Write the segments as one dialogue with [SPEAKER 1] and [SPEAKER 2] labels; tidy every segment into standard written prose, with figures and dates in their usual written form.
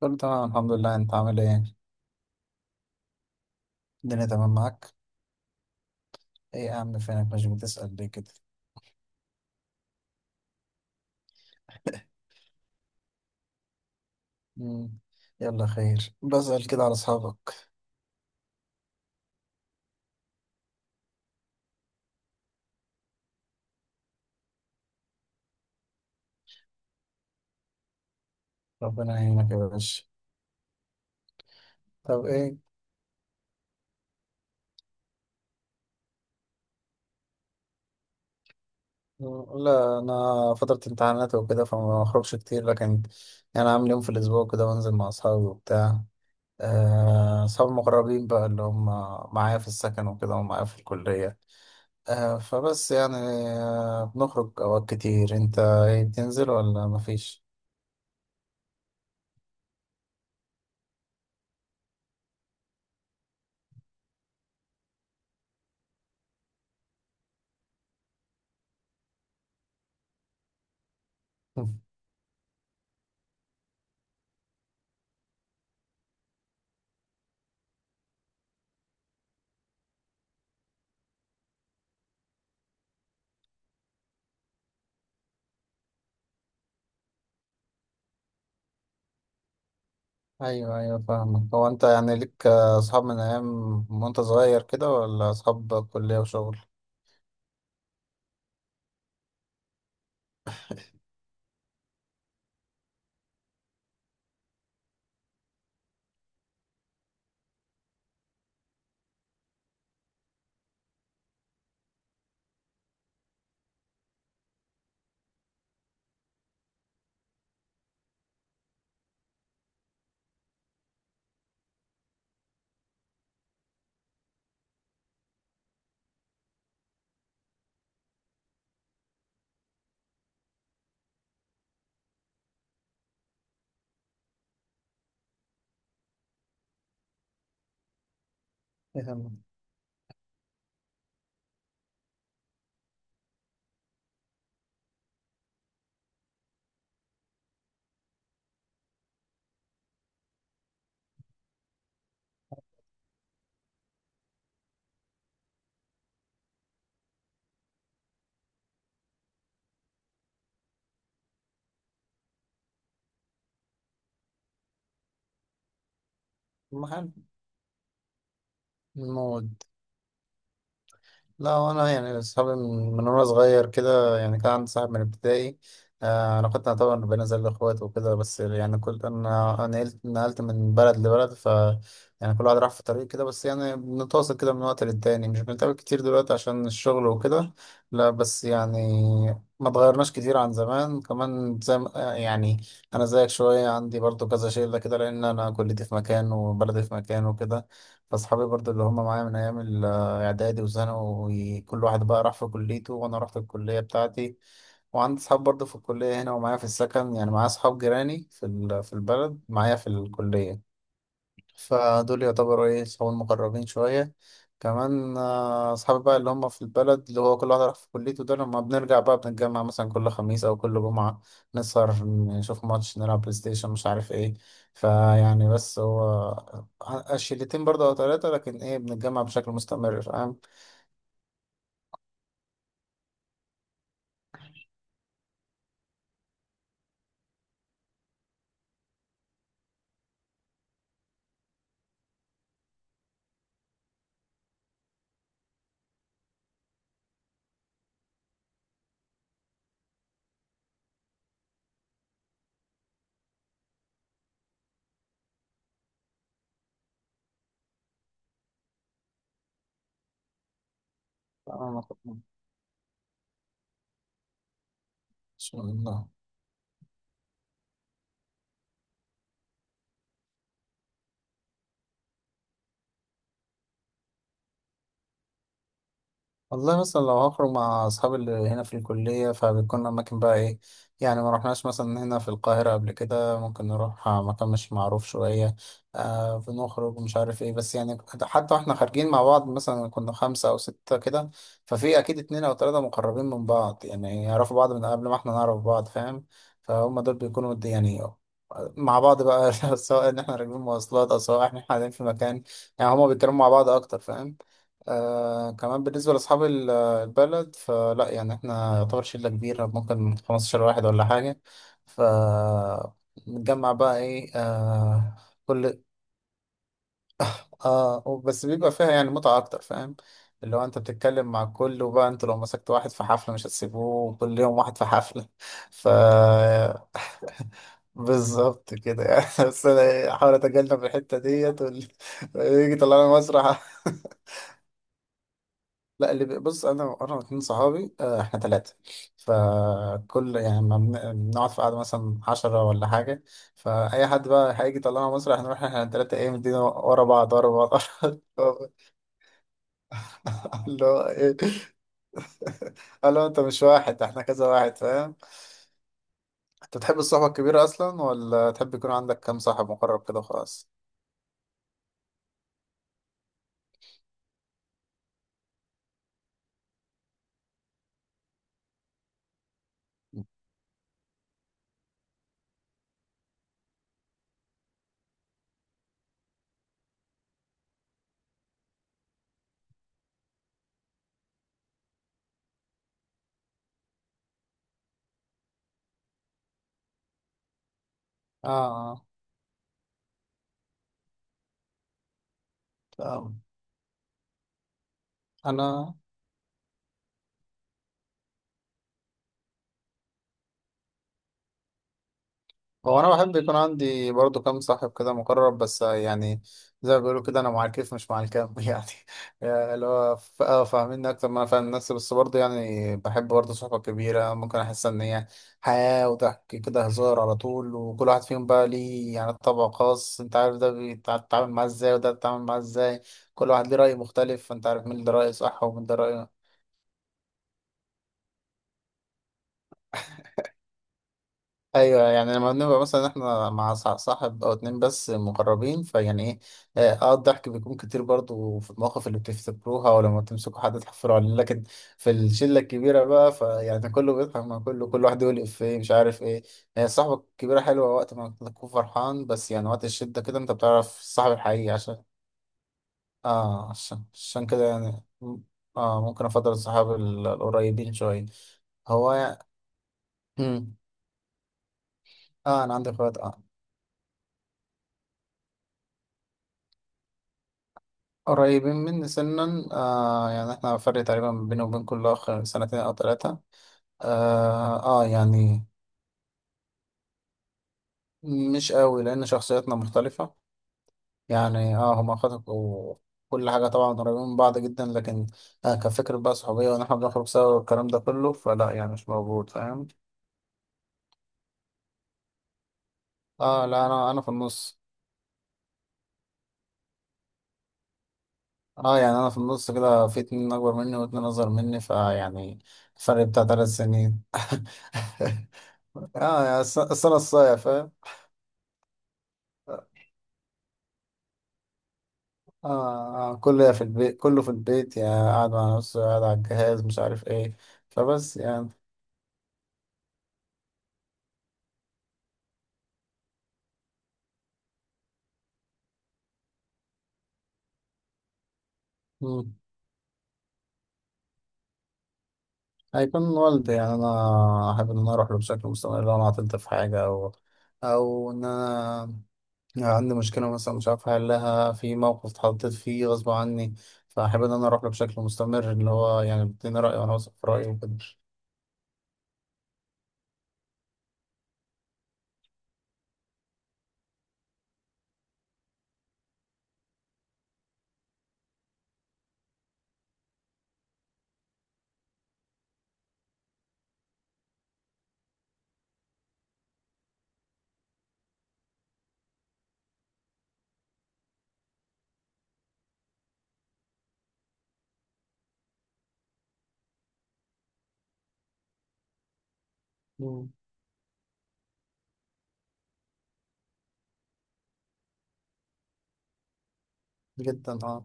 [SPEAKER 1] كله تمام، الحمد لله. انت عامل ايه؟ الدنيا تمام معاك؟ ايه يا عم، فينك؟ مش بتسأل ليه كده؟ مم. يلا خير، بسأل كده على اصحابك. ربنا يعينك يا باشا. طب ايه؟ لا، انا فترة امتحانات وكده فما بخرجش كتير، لكن يعني عامل يوم في الاسبوع كده بنزل مع اصحابي وبتاع. اصحابي المقربين بقى اللي هم معايا في السكن وكده ومعايا في الكلية. فبس يعني. بنخرج اوقات كتير. انت ايه بتنزل ولا مفيش؟ ايوه، ايوه، فاهمك. هو انت يعني ليك اصحاب من ايام وانت صغير كده، ولا اصحاب كلية وشغل؟ ايه. المهم الموت. لا، وانا يعني اصحابي من وانا صغير كده، يعني كان عندي صاحب من ابتدائي. علاقتنا طبعا بين زي الاخوات وكده، بس يعني كل انا نقلت من بلد لبلد ف يعني كل واحد راح في طريق كده، بس يعني بنتواصل كده من وقت للتاني، مش بنتقابل كتير دلوقتي عشان الشغل وكده. لا بس يعني ما اتغيرناش كتير عن زمان، كمان زي ما- آه، يعني انا زيك شويه عندي برضو كذا شله كده لان انا كليتي في مكان وبلدي في مكان وكده. فاصحابي برضو اللي هم معايا من ايام اعدادي وثانوي، كل واحد بقى راح في كليته وانا رحت الكليه بتاعتي. وعندي اصحاب برضه في الكليه هنا ومعايا في السكن، يعني معايا اصحاب جيراني في البلد، معايا في الكليه. فدول يعتبروا ايه صحاب المقربين شويه. كمان اصحابي بقى اللي هم في البلد، اللي هو كل واحد راح في كليته، ده لما بنرجع بقى بنتجمع مثلا كل خميس او كل جمعه، نسهر نشوف ماتش نلعب بلاي ستيشن مش عارف ايه. فيعني بس هو الشلتين برضه او ثلاثه، لكن ايه بنتجمع بشكل مستمر فاهم. آه، إن شاء الله. والله مثلا لو هخرج مع أصحابي اللي هنا في الكلية فبتكون أماكن بقى إيه، يعني ما رحناش مثلا هنا في القاهرة قبل كده، ممكن نروح مكان مش معروف شوية. بنخرج مش عارف إيه، بس يعني حتى وإحنا خارجين مع بعض مثلا كنا خمسة أو ستة كده، ففي أكيد اتنين أو تلاتة مقربين من بعض، يعني يعرفوا بعض من قبل ما إحنا نعرف بعض فاهم. فهم دول بيكونوا يعني مع بعض بقى سواء إن إحنا راكبين مواصلات أو سواء إحنا قاعدين في مكان، يعني هما بيتكلموا مع بعض أكتر فاهم. كمان بالنسبة لأصحاب البلد، فلا يعني احنا يعتبر شلة كبيرة، ممكن 15 واحد ولا حاجة. ف نتجمع بقى ايه كل اه بس بيبقى فيها يعني متعة أكتر فاهم. اللي هو أنت بتتكلم مع الكل، وبقى أنت لو مسكت واحد في حفلة مش هتسيبوه، كل يوم واحد في حفلة. ف بالظبط كده يعني بس أنا أحاول أتجنب الحتة ديت ويجي يطلعنا مسرح. لا اللي بص انا اتنين صحابي، احنا ثلاثه. فكل يعني ما بنقعد في قعده مثلا 10 ولا حاجه، فاي حد بقى هيجي طلعنا مصر هنروح احنا الثلاثه ايه مدينا ورا بعض ورا بعض ورا بعض. اللي هو ايه. قال له انت مش واحد، احنا كذا واحد فاهم. انت بتحب الصحبه الكبيره اصلا، ولا تحب يكون عندك كام صاحب مقرب كده وخلاص؟ اه. آه. تمام. انا هو انا بحب يكون عندي برضو كام صاحب كده مقرب، بس يعني زي ما بيقولوا كده، انا مع الكيف مش مع الكام يعني، اللي هو فاهميني اكتر ما انا فاهم نفسي، بس برضو يعني بحب برضو صحبة كبيرة، ممكن احس ان هي حياة وضحك كده هزار على طول، وكل واحد فيهم بقى ليه يعني طبع خاص، انت عارف ده بيتعامل معاه ازاي وده بيتعامل معاه ازاي، كل واحد ليه رأي مختلف فانت عارف مين اللي رأيه صح ومين ده رأيه. ايوه، يعني لما بنبقى مثلا احنا مع صاحب او اتنين بس مقربين فيعني ايه، الضحك بيكون كتير برضو في المواقف اللي بتفتكروها ولما تمسكوا حد تحفروا عليه، لكن في الشله الكبيره بقى فيعني كله بيضحك مع كله، كل واحد يقول افيه مش عارف ايه. الصحبه الكبيره حلوه وقت ما تكون فرحان، بس يعني وقت الشده كده انت بتعرف الصاحب الحقيقي، عشان كده يعني اه ممكن افضل الصحاب القريبين شويه. هو يعني، مم. اه، انا عندي اخوات اه. قريبين مني سنا، آه يعني احنا فرق تقريبا بيني وبين كل اخ سنتين او ثلاثة. آه, اه يعني مش قوي لان شخصياتنا مختلفة، يعني اه هما اخواتك وكل حاجة طبعا قريبين من بعض جدا، لكن كفكرة بقى صحوبية، وان احنا بنخرج سوا والكلام ده كله فلا يعني مش موجود فاهم. اه لا، انا في النص. اه يعني انا في النص كده، في اتنين اكبر مني واتنين اصغر مني فيعني الفرق بتاع 3 سنين اه يعني السنة الصايع فاهم. كله في البيت، كله في البيت، يا قاعد مع نفسه قاعد على الجهاز مش عارف ايه. فبس يعني. مم. هيكون والدي، يعني انا احب ان انا اروح له بشكل مستمر لو انا عطلت في حاجة، او ان انا عندي مشكلة مثلا مش عارف احلها في موقف اتحطيت فيه غصب عني، فاحب ان انا اروح له بشكل مستمر اللي هو يعني بيديني رأي، وانا واثق في رأيه وكده. مم. جدا، اه.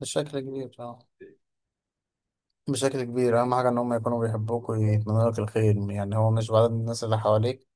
[SPEAKER 1] بشكل كبير، اه. بشكل كبير أهم حاجة إن هم يكونوا بيحبوك ويتمنوا لك الخير، يعني هو مش بعدد الناس اللي حواليك،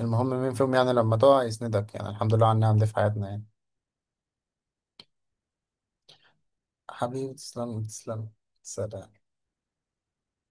[SPEAKER 1] المهم مين فيهم يعني لما تقع يسندك، يعني الحمد لله على النعم دي في حياتنا يعني. حبيبي تسلم تسلم. سلام.